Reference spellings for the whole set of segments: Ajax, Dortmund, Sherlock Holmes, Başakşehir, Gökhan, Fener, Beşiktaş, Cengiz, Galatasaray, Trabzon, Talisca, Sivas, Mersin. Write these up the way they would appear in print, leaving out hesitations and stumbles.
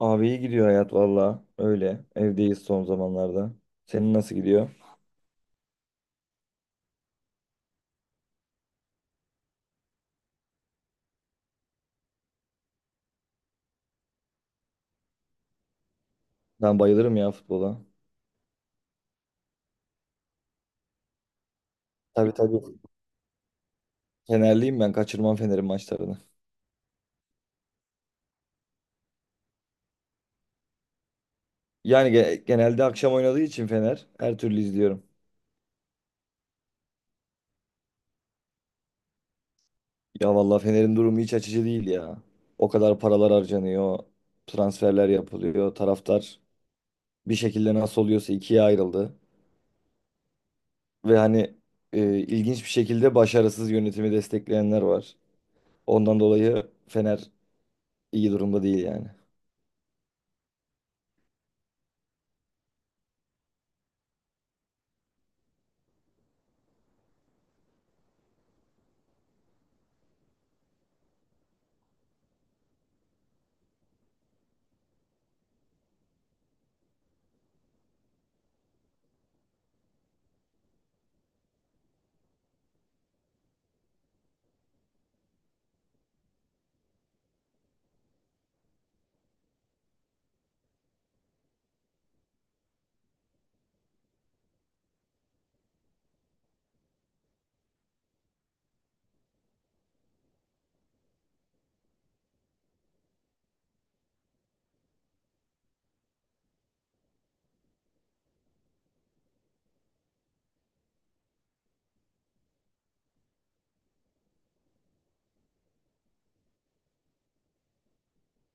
Abi iyi gidiyor hayat valla. Öyle. Evdeyiz son zamanlarda. Senin nasıl gidiyor? Ben bayılırım ya futbola. Tabii tabii. Fenerliyim ben. Kaçırmam Fener'in maçlarını. Yani genelde akşam oynadığı için Fener her türlü izliyorum. Ya valla Fener'in durumu hiç açıcı değil ya. O kadar paralar harcanıyor. Transferler yapılıyor. Taraftar bir şekilde nasıl oluyorsa ikiye ayrıldı. Ve hani ilginç bir şekilde başarısız yönetimi destekleyenler var. Ondan dolayı Fener iyi durumda değil yani.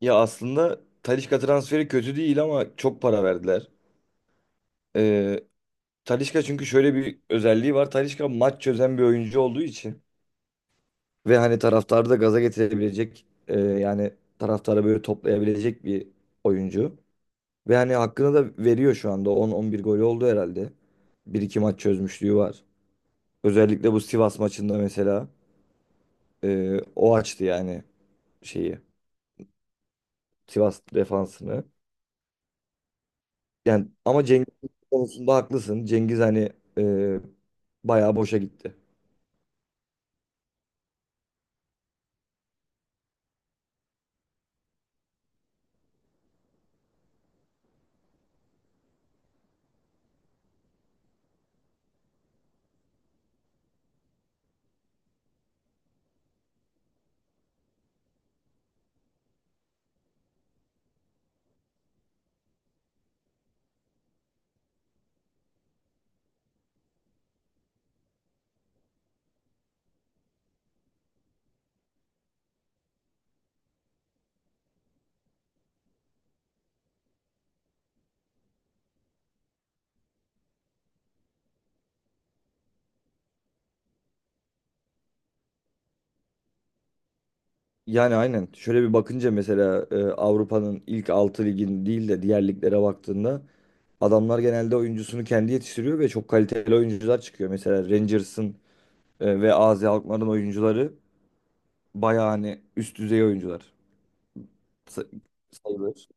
Ya aslında Talisca transferi kötü değil ama çok para verdiler. Ee, Talisca çünkü şöyle bir özelliği var. Talisca maç çözen bir oyuncu olduğu için ve hani taraftarı da gaza getirebilecek yani taraftarı böyle toplayabilecek bir oyuncu. Ve hani hakkını da veriyor şu anda. 10-11 golü oldu herhalde. Bir iki maç çözmüşlüğü var. Özellikle bu Sivas maçında mesela o açtı yani şeyi. Sivas defansını. Yani ama Cengiz konusunda haklısın. Cengiz hani e, bayağı boşa gitti. Yani aynen. Şöyle bir bakınca mesela Avrupa'nın ilk 6 ligin değil de diğer liglere baktığında adamlar genelde oyuncusunu kendi yetiştiriyor ve çok kaliteli oyuncular çıkıyor. Mesela Rangers'ın ve AZ Alkmaar'ın oyuncuları bayağı hani üst düzey oyuncular sa- sayılır.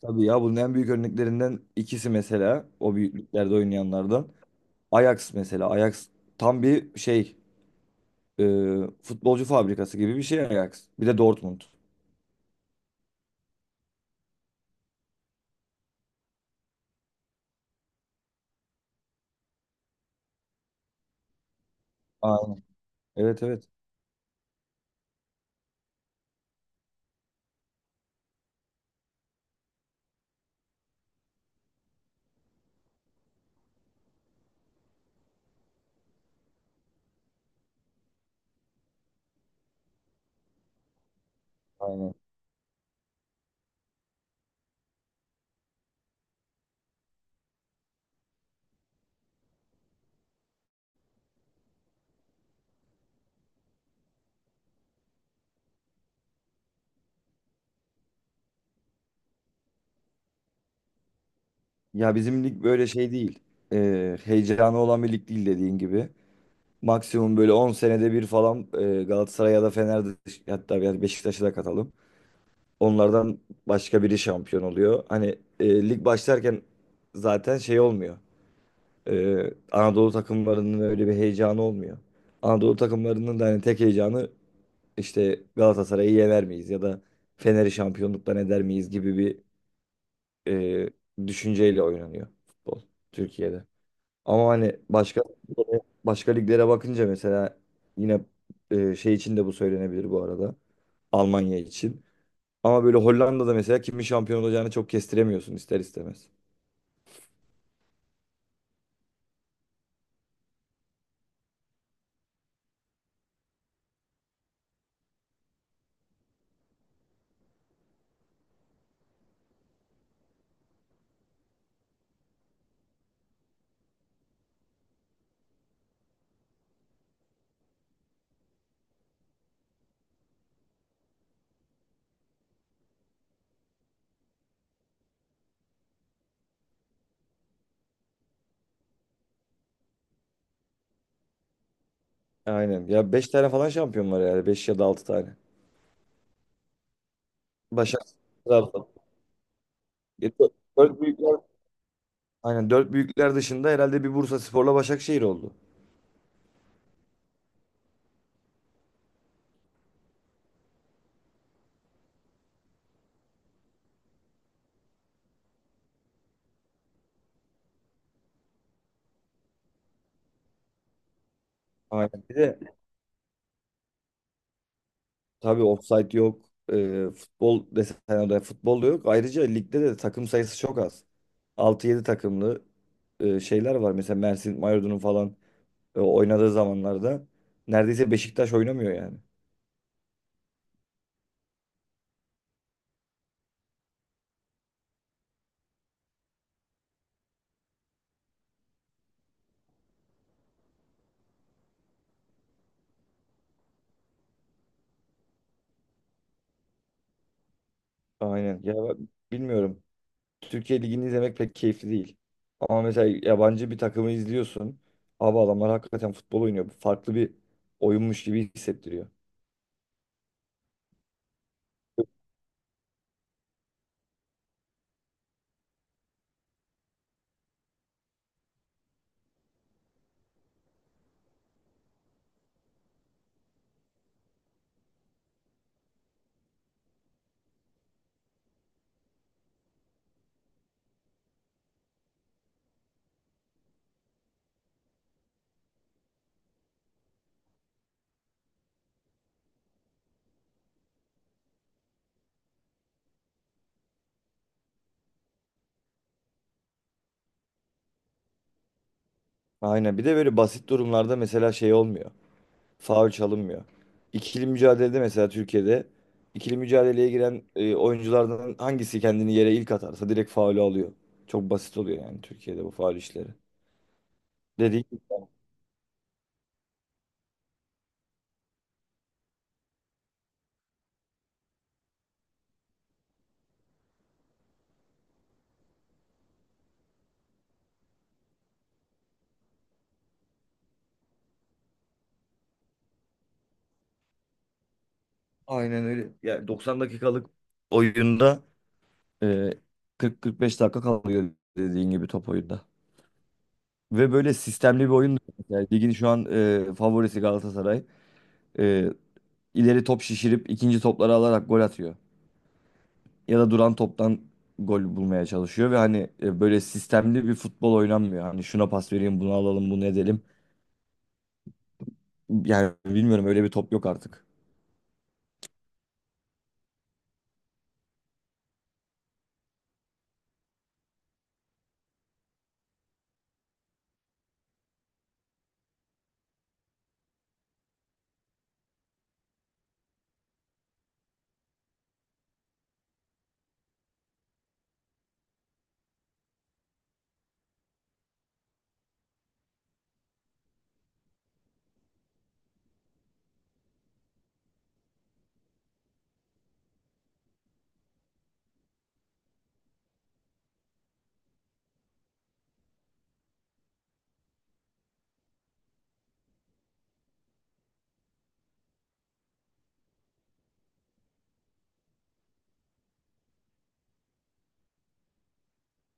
Tabii ya bunun en büyük örneklerinden ikisi mesela o büyüklüklerde oynayanlardan. Ajax mesela. Ajax tam bir şey e, futbolcu fabrikası gibi bir şey Ajax. Bir de Dortmund. Aynen. Evet evet. Aynen. Ya bizim lig böyle şey değil. Heyecanı olan bir lig değil dediğin gibi. Maksimum böyle 10 senede bir falan Galatasaray ya da Fener'de hatta yani Beşiktaş'ı da katalım. Onlardan başka biri şampiyon oluyor. Hani lig başlarken zaten şey olmuyor. Anadolu takımlarının öyle bir heyecanı olmuyor. Anadolu takımlarının da hani tek heyecanı işte Galatasaray'ı yener miyiz ya da Fener'i şampiyonluktan eder miyiz gibi bir düşünceyle oynanıyor futbol Türkiye'de. Ama hani başka başka liglere bakınca mesela yine şey için de bu söylenebilir bu arada. Almanya için. Ama böyle Hollanda'da mesela kimin şampiyon olacağını çok kestiremiyorsun ister istemez. Aynen. Ya beş tane falan şampiyon var yani. Beş ya da 6 tane. Başakşehir, Trabzon. 4 büyükler. Aynen 4 büyükler dışında herhalde bir Bursaspor'la Başakşehir oldu. Aynen. Bir de tabii offside yok. Futbol desen oraya futbol da yok. Ayrıca ligde de takım sayısı çok az. Altı yedi takımlı şeyler var. Mesela Mersin, Mardin'in falan oynadığı zamanlarda neredeyse Beşiktaş oynamıyor yani. Aynen. Ya bak, bilmiyorum. Türkiye Ligi'ni izlemek pek keyifli değil. Ama mesela yabancı bir takımı izliyorsun. Abi adamlar hakikaten futbol oynuyor. Farklı bir oyunmuş gibi hissettiriyor. Aynen. Bir de böyle basit durumlarda mesela şey olmuyor. Faul çalınmıyor. İkili mücadelede mesela Türkiye'de ikili mücadeleye giren oyunculardan hangisi kendini yere ilk atarsa direkt faulü alıyor. Çok basit oluyor yani Türkiye'de bu faul işleri. Dediğim gibi. Aynen öyle. Yani 90 dakikalık oyunda Ee, 40-45 dakika kalıyor dediğin gibi top oyunda. Ve böyle sistemli bir oyun da yok. Yani ligin şu an favorisi Galatasaray. E, ileri top şişirip ikinci topları alarak gol atıyor. Ya da duran toptan gol bulmaya çalışıyor ve hani böyle sistemli bir futbol oynanmıyor. Hani şuna pas vereyim, bunu alalım, bunu edelim. Yani bilmiyorum öyle bir top yok artık.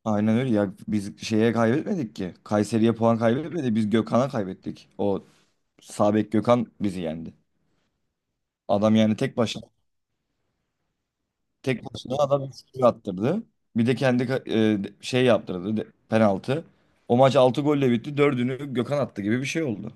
Aynen öyle ya biz şeye kaybetmedik ki. Kayseri'ye puan kaybetmedi. Biz Gökhan'a kaybettik. O sağ bek Gökhan bizi yendi. Adam yani tek başına. Tek başına adam 3 attırdı. Bir de şey yaptırdı penaltı. O maç 6 golle bitti. Dördünü Gökhan attı gibi bir şey oldu.